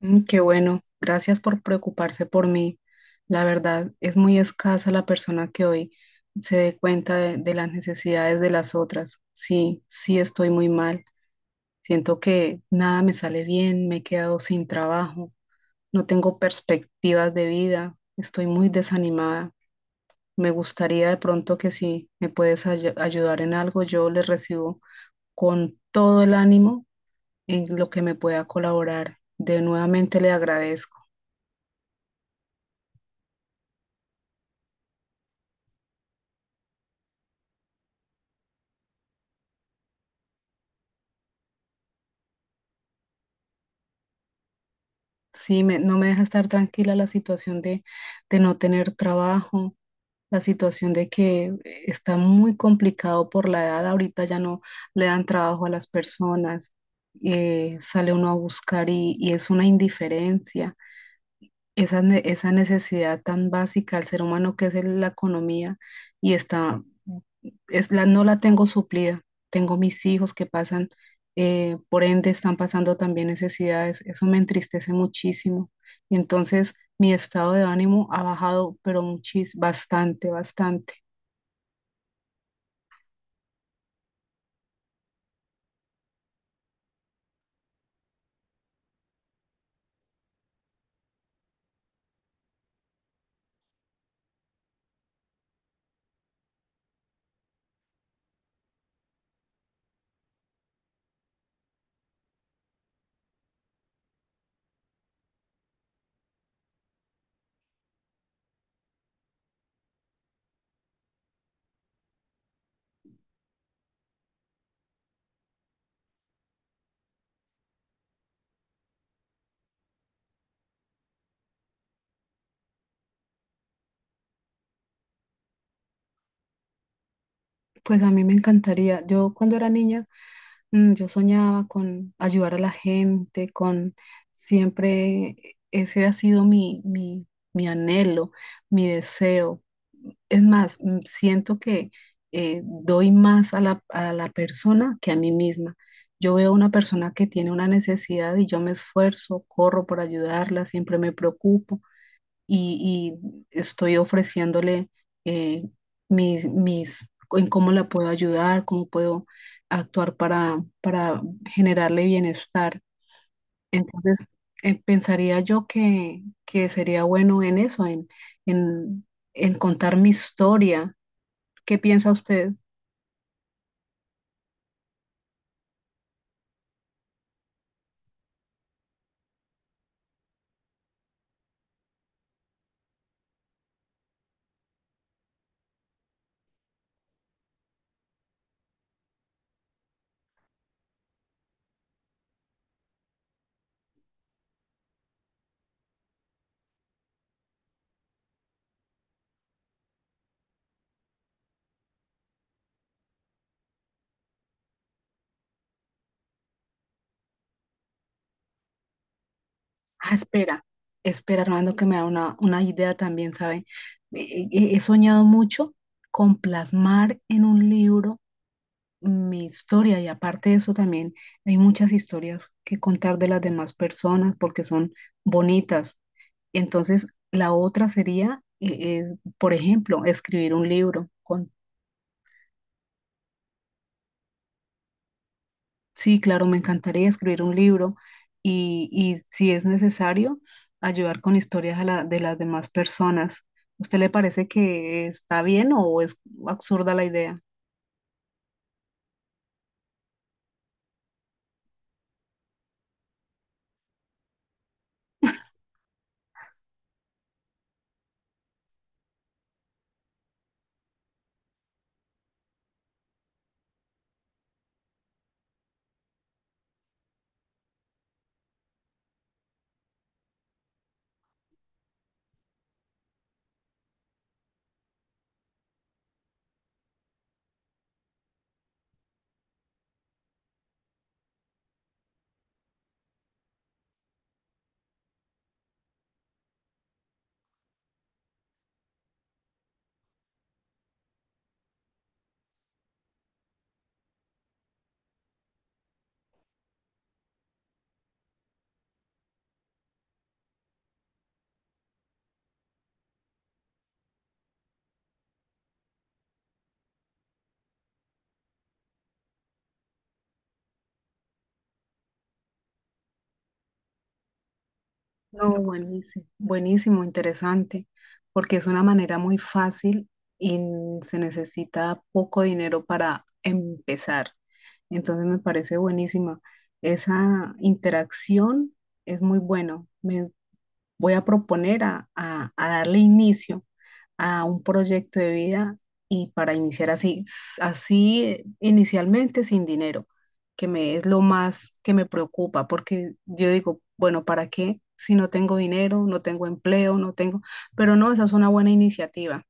Qué bueno, gracias por preocuparse por mí. La verdad, es muy escasa la persona que hoy se dé cuenta de las necesidades de las otras. Sí, sí estoy muy mal. Siento que nada me sale bien, me he quedado sin trabajo, no tengo perspectivas de vida, estoy muy desanimada. Me gustaría de pronto que si me puedes ayudar en algo, yo les recibo con todo el ánimo en lo que me pueda colaborar. De nuevamente le agradezco. Sí, no me deja estar tranquila la situación de no tener trabajo, la situación de que está muy complicado por la edad. Ahorita ya no le dan trabajo a las personas, sale uno a buscar y es una indiferencia esa, esa necesidad tan básica al ser humano que es la economía y es no la tengo suplida. Tengo mis hijos que pasan, por ende están pasando también necesidades. Eso me entristece muchísimo. Y entonces mi estado de ánimo ha bajado, pero bastante, bastante. Pues a mí me encantaría, yo cuando era niña... Yo soñaba con ayudar a la gente, con siempre ese ha sido mi mi anhelo, mi deseo. Es más, siento que doy más a a la persona que a mí misma. Yo veo una persona que tiene una necesidad y yo me esfuerzo, corro por ayudarla, siempre me preocupo y, y estoy ofreciéndole eh, mis, en cómo la puedo ayudar, cómo puedo actuar para generarle bienestar. Entonces, pensaría yo que sería bueno en eso, en, en contar mi historia. ¿Qué piensa usted? Ah, espera, espera, Armando, que me da una idea también, ¿sabe? He soñado mucho con plasmar en un libro mi historia y aparte de eso también hay muchas historias que contar de las demás personas porque son bonitas. Entonces, la otra sería, por ejemplo, escribir un libro. Con, sí, claro, me encantaría escribir un libro y si es necesario, ayudar con historias a de las demás personas. ¿Usted le parece que está bien o es absurda la idea? No, buenísimo, buenísimo, interesante, porque es una manera muy fácil y se necesita poco dinero para empezar. Entonces me parece buenísima. Esa interacción es muy bueno. Me voy a proponer a, a darle inicio a un proyecto de vida y para iniciar así, así inicialmente sin dinero, que me es lo más que me preocupa, porque yo digo, bueno, ¿para qué? Si no tengo dinero, no tengo empleo, no tengo, pero no, esa es una buena iniciativa.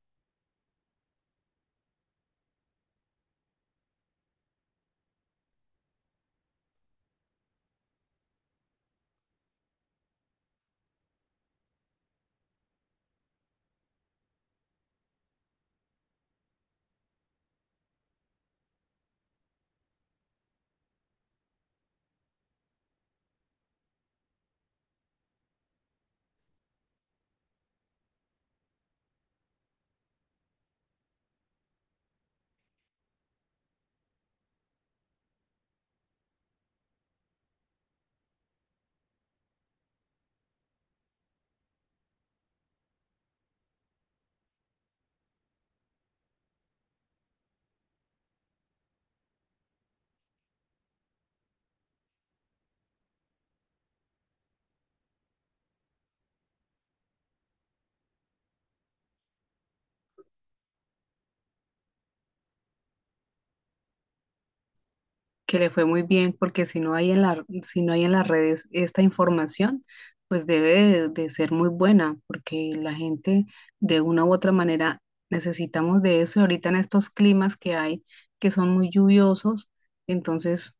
Que le fue muy bien, porque si no hay en la, si no hay en las redes esta información, pues debe de ser muy buena, porque la gente de una u otra manera necesitamos de eso. Y ahorita en estos climas que hay, que son muy lluviosos, entonces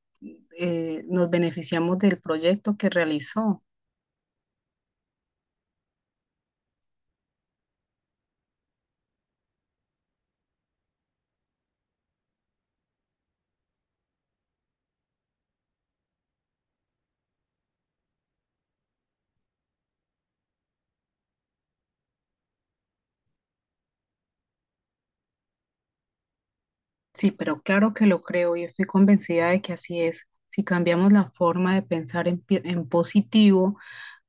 nos beneficiamos del proyecto que realizó. Sí, pero claro que lo creo y estoy convencida de que así es. Si cambiamos la forma de pensar en positivo,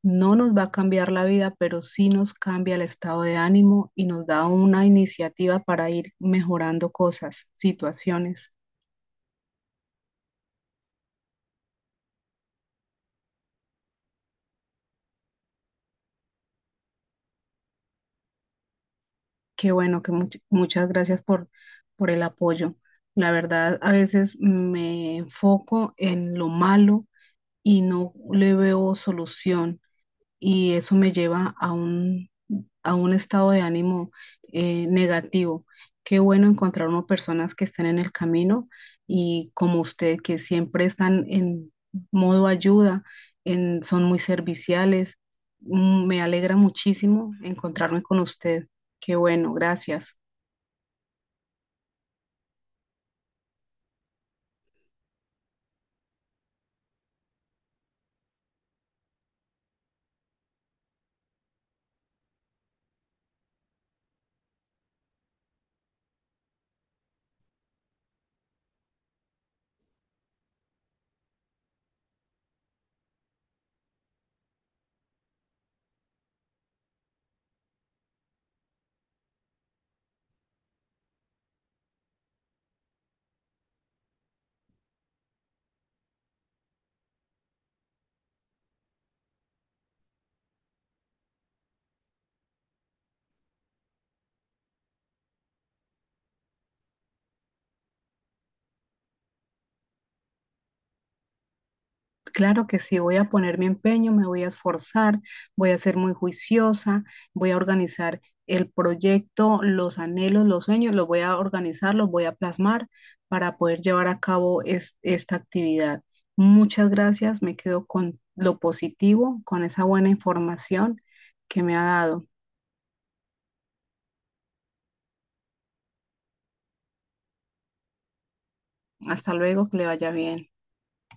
no nos va a cambiar la vida, pero sí nos cambia el estado de ánimo y nos da una iniciativa para ir mejorando cosas, situaciones. Qué bueno, que muchas gracias por el apoyo. La verdad, a veces me enfoco en lo malo y no le veo solución y eso me lleva a un estado de ánimo negativo. Qué bueno encontrar uno personas que estén en el camino y como usted, que siempre están en modo ayuda, son muy serviciales. Me alegra muchísimo encontrarme con usted. Qué bueno, gracias. Claro que sí, voy a poner mi empeño, me voy a esforzar, voy a ser muy juiciosa, voy a organizar el proyecto, los anhelos, los sueños, los voy a organizar, los voy a plasmar para poder llevar a cabo esta actividad. Muchas gracias, me quedo con lo positivo, con esa buena información que me ha dado. Hasta luego, que le vaya bien.